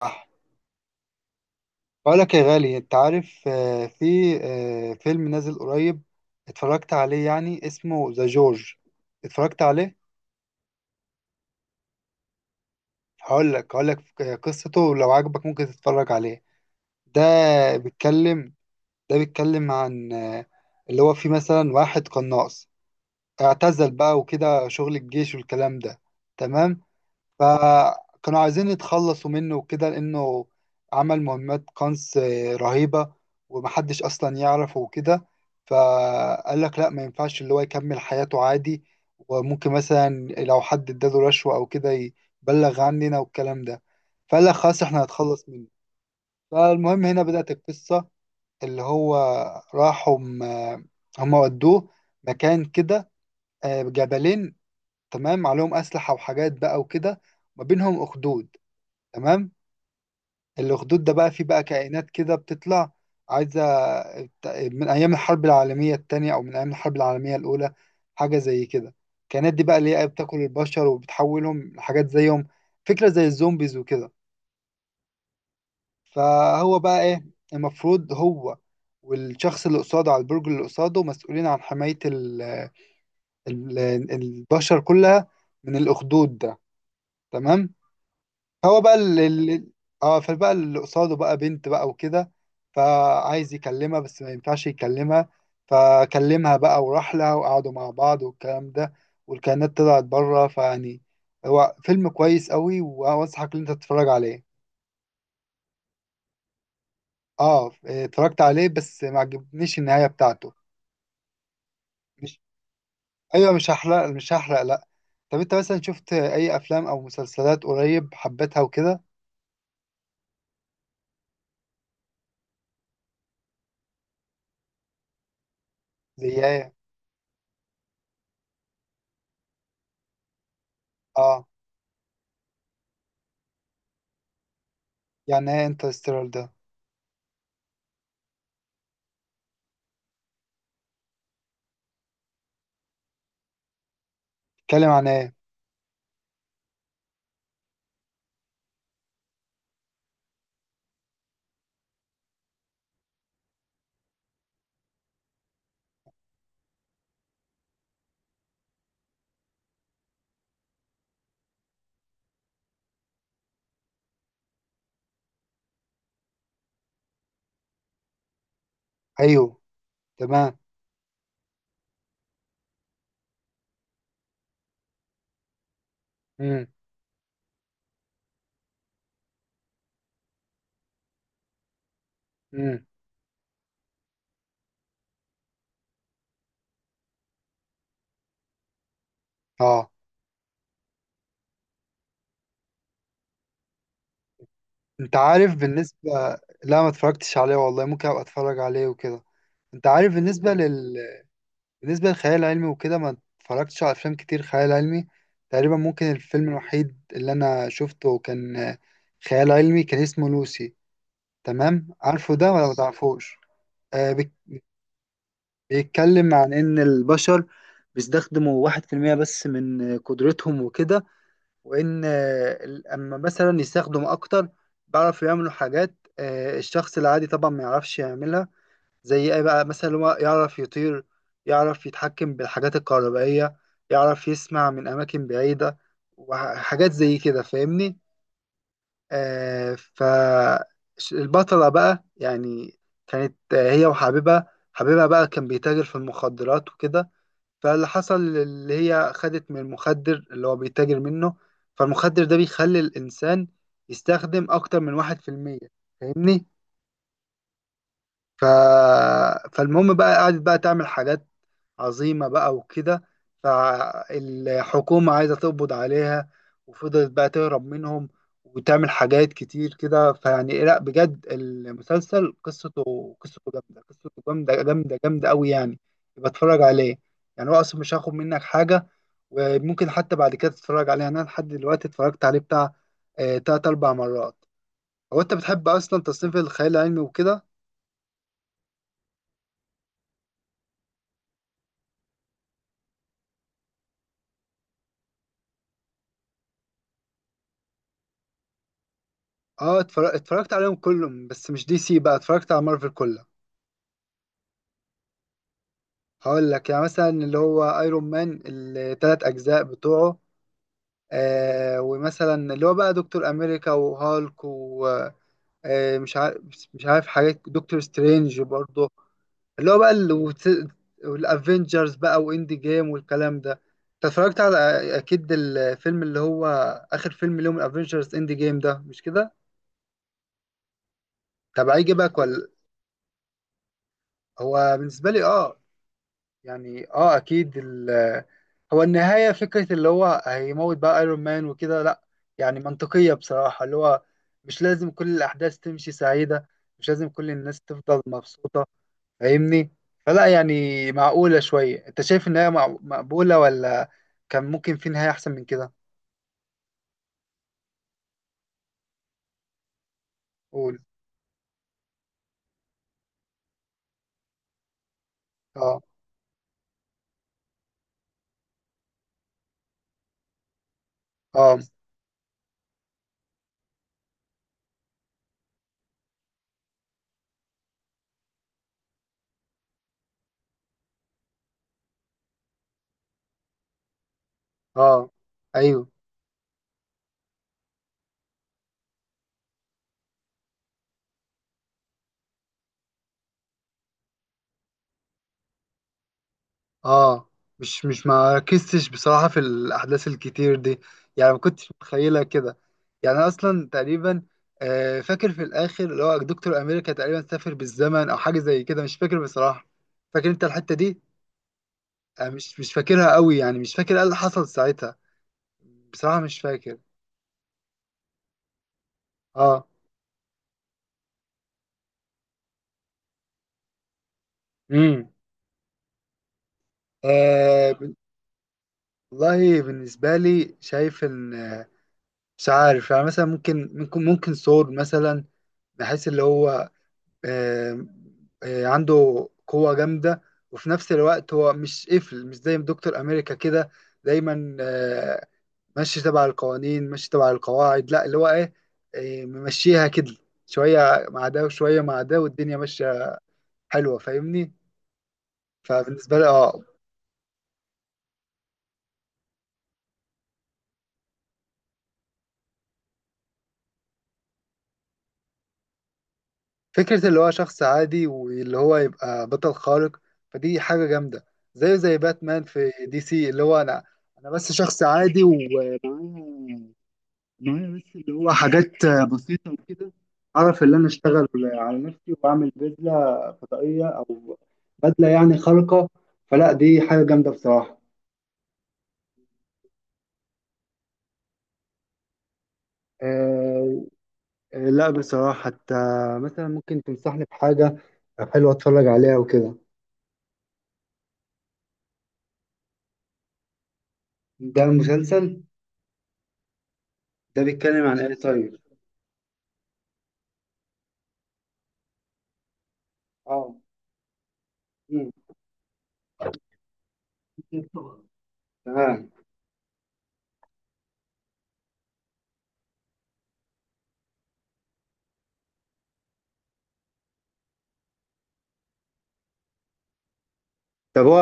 صح. بقول لك يا غالي، انت عارف، في فيلم نازل قريب. اتفرجت عليه، يعني اسمه ذا جورج. اتفرجت عليه. هقول لك قصته، ولو عجبك ممكن تتفرج عليه. ده بيتكلم ده بيتكلم عن اللي هو في مثلا واحد قناص اعتزل بقى وكده شغل الجيش والكلام ده. تمام. فكانوا عايزين يتخلصوا منه وكده لأنه عمل مهمات قنص رهيبة، ومحدش أصلا يعرفه وكده. فقال لك لا، ما ينفعش اللي هو يكمل حياته عادي. وممكن مثلا لو حد اداله رشوة أو كده يبلغ عننا والكلام ده. فقال لك خلاص، احنا هنتخلص منه. فالمهم هنا بدأت القصة. اللي هو راحوا هم ودوه مكان كده، جبلين، تمام، عليهم أسلحة وحاجات بقى وكده، ما بينهم أخدود. تمام. الاخدود ده بقى فيه بقى كائنات كده بتطلع، عايزة، من أيام الحرب العالمية التانية أو من أيام الحرب العالمية الأولى، حاجة زي كده. الكائنات دي بقى اللي هي بتاكل البشر وبتحولهم لحاجات زيهم، فكرة زي الزومبيز وكده. فهو بقى إيه؟ المفروض هو والشخص اللي قصاده على البرج، اللي قصاده مسؤولين عن حماية ال ال البشر كلها من الأخدود ده. تمام. هو بقى اه فبقى اللي قصاده بقى بنت بقى وكده. فعايز يكلمها بس ما ينفعش يكلمها. فكلمها بقى وراح لها وقعدوا مع بعض والكلام ده. والكائنات طلعت بره، فيعني هو فيلم كويس قوي وانصحك ان انت تتفرج عليه. اه، اتفرجت عليه بس ما عجبنيش النهاية بتاعته. مش ايوه، مش هحرق لا. طب انت مثلا شفت اي افلام او مسلسلات قريب حبيتها وكده؟ زي ايه؟ اه، يعني ايه انترستيلر ده؟ اتكلم عن ايه؟ ايوه. تمام. امم. امم. اه. انت عارف بالنسبه. لا، ما اتفرجتش عليه والله، ممكن ابقى اتفرج عليه وكده. انت عارف بالنسبه للخيال العلمي وكده، ما اتفرجتش على افلام كتير خيال علمي. تقريبا ممكن الفيلم الوحيد اللي انا شفته كان خيال علمي، كان اسمه لوسي. تمام، عارفه ده ولا ما تعرفوش؟ آه، بيتكلم عن ان البشر بيستخدموا 1% بس من قدرتهم وكده. وان اما مثلا يستخدم اكتر، بيعرفوا يعملوا حاجات، الشخص العادي طبعا ما يعرفش يعملها. زي ايه بقى؟ مثلا هو يعرف يطير، يعرف يتحكم بالحاجات الكهربائية، يعرف يسمع من اماكن بعيدة، وحاجات زي كده فاهمني؟ آه. فالبطلة بقى يعني كانت هي وحبيبها. حبيبها بقى كان بيتاجر في المخدرات وكده. فاللي حصل اللي هي خدت من المخدر اللي هو بيتاجر منه. فالمخدر ده بيخلي الإنسان يستخدم أكتر من 1%. فاهمني؟ ف... فالمهم بقى قعدت بقى تعمل حاجات عظيمة بقى وكده. فالحكومة عايزة تقبض عليها، وفضلت بقى تهرب منهم، وتعمل حاجات كتير كده. فيعني لا بجد المسلسل قصته جامدة، قصته جامدة جامدة جامدة أوي يعني. يبقى اتفرج عليه، يعني هو أصلا مش هاخد منك حاجة. وممكن حتى بعد كده تتفرج عليها. انا لحد دلوقتي اتفرجت عليه بتاع تلات اربع مرات. هو انت بتحب اصلا تصنيف الخيال العلمي وكده؟ اه، اتفرجت عليهم كلهم، بس مش دي سي بقى، اتفرجت على مارفل كلها. هقول لك يعني مثلا اللي هو ايرون مان، التلات اجزاء بتوعه. آه، ومثلا اللي هو بقى دكتور امريكا وهالك، ومش عارف مش عارف حاجات، دكتور سترينج برضه، اللي هو بقى والافنجرز بقى واند جيم والكلام ده. انت اتفرجت على اكيد الفيلم اللي هو اخر فيلم لهم الافنجرز اند جيم ده، مش كده؟ طب هيجيبك ولا، هو بالنسبه لي اه، يعني اه اكيد هو النهايه، فكره اللي هو هيموت بقى ايرون مان وكده، لا يعني منطقيه بصراحه. اللي هو مش لازم كل الاحداث تمشي سعيده، مش لازم كل الناس تفضل مبسوطه. فاهمني؟ فلا يعني معقولة شوية. انت شايف ان هي مقبولة ولا كان ممكن في نهاية احسن من كده؟ قول. اه. اه. اه. ايوه. اه. مش مش ما ركزتش بصراحة في الاحداث الكتير دي، يعني ما كنتش متخيلة كده. يعني انا اصلا تقريبا فاكر في الاخر اللي هو دكتور امريكا تقريبا سافر بالزمن او حاجة زي كده، مش فاكر بصراحة. فاكر انت الحتة دي؟ مش مش فاكرها قوي يعني، مش فاكر ايه اللي حصل ساعتها بصراحة. مش فاكر. اه. امم. آه، والله بالنسبة لي شايف إن مش عارف يعني. مثلا ممكن سور مثلا، بحيث اللي هو آه عنده قوة جامدة، وفي نفس الوقت هو مش قفل، مش زي دكتور أمريكا كده دايما ماشي تبع القوانين، ماشي تبع القواعد. لا، اللي هو إيه، ممشيها كده، شوية مع ده وشوية مع ده والدنيا ماشية حلوة. فاهمني؟ فبالنسبة لي اه، فكرة اللي هو شخص عادي واللي هو يبقى بطل خارق، فدي حاجة جامدة. زيه زي باتمان في دي سي، اللي هو أنا بس شخص عادي ومعايا بس اللي هو حاجات بسيطة وكده، أعرف إن أنا أشتغل على نفسي وأعمل بدلة فضائية، أو بدلة يعني خارقة. فلا دي حاجة جامدة بصراحة. أه. لا بصراحة. حتى مثلا ممكن تنصحني بحاجة حلوة أتفرج عليها وكده؟ ده مسلسل؟ ده بيتكلم عن إيه طيب؟ اه. مم. تمام. طب هو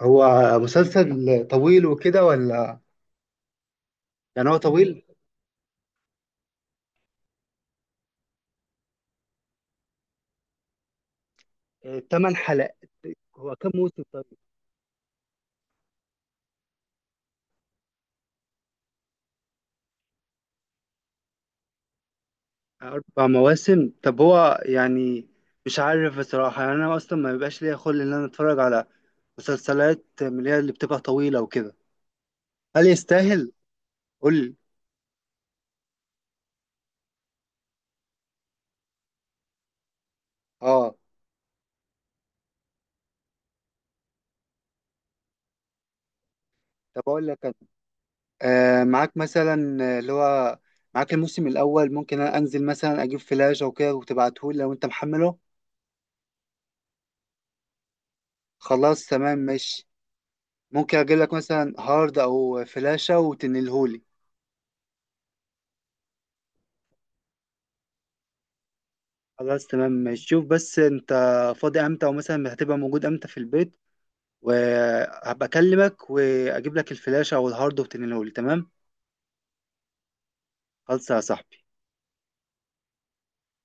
هو مسلسل طويل وكده ولا يعني هو طويل؟ آه، تمن حلقات. هو كم موسم طيب؟ أربع مواسم. طب هو يعني مش عارف بصراحة. يعني أنا أصلا ما بيبقاش ليا خلق إن أنا أتفرج على مسلسلات من اللي هي اللي بتبقى طويلة وكده. هل يستاهل؟ قول لي. آه. طب أقول لك أنا، معاك مثلا اللي هو معاك الموسم الأول. ممكن أنا أنزل مثلا أجيب فلاش أو كده وتبعتهولي لو أنت محمله؟ خلاص تمام ماشي. ممكن اجيب لك مثلا هارد او فلاشة وتنلهولي. خلاص تمام ماشي. شوف بس انت فاضي امتى، ومثلا هتبقى موجود امتى في البيت، وهبقى اكلمك واجيب لك الفلاشة او الهارد وتنلهولي. تمام. خلاص يا صاحبي.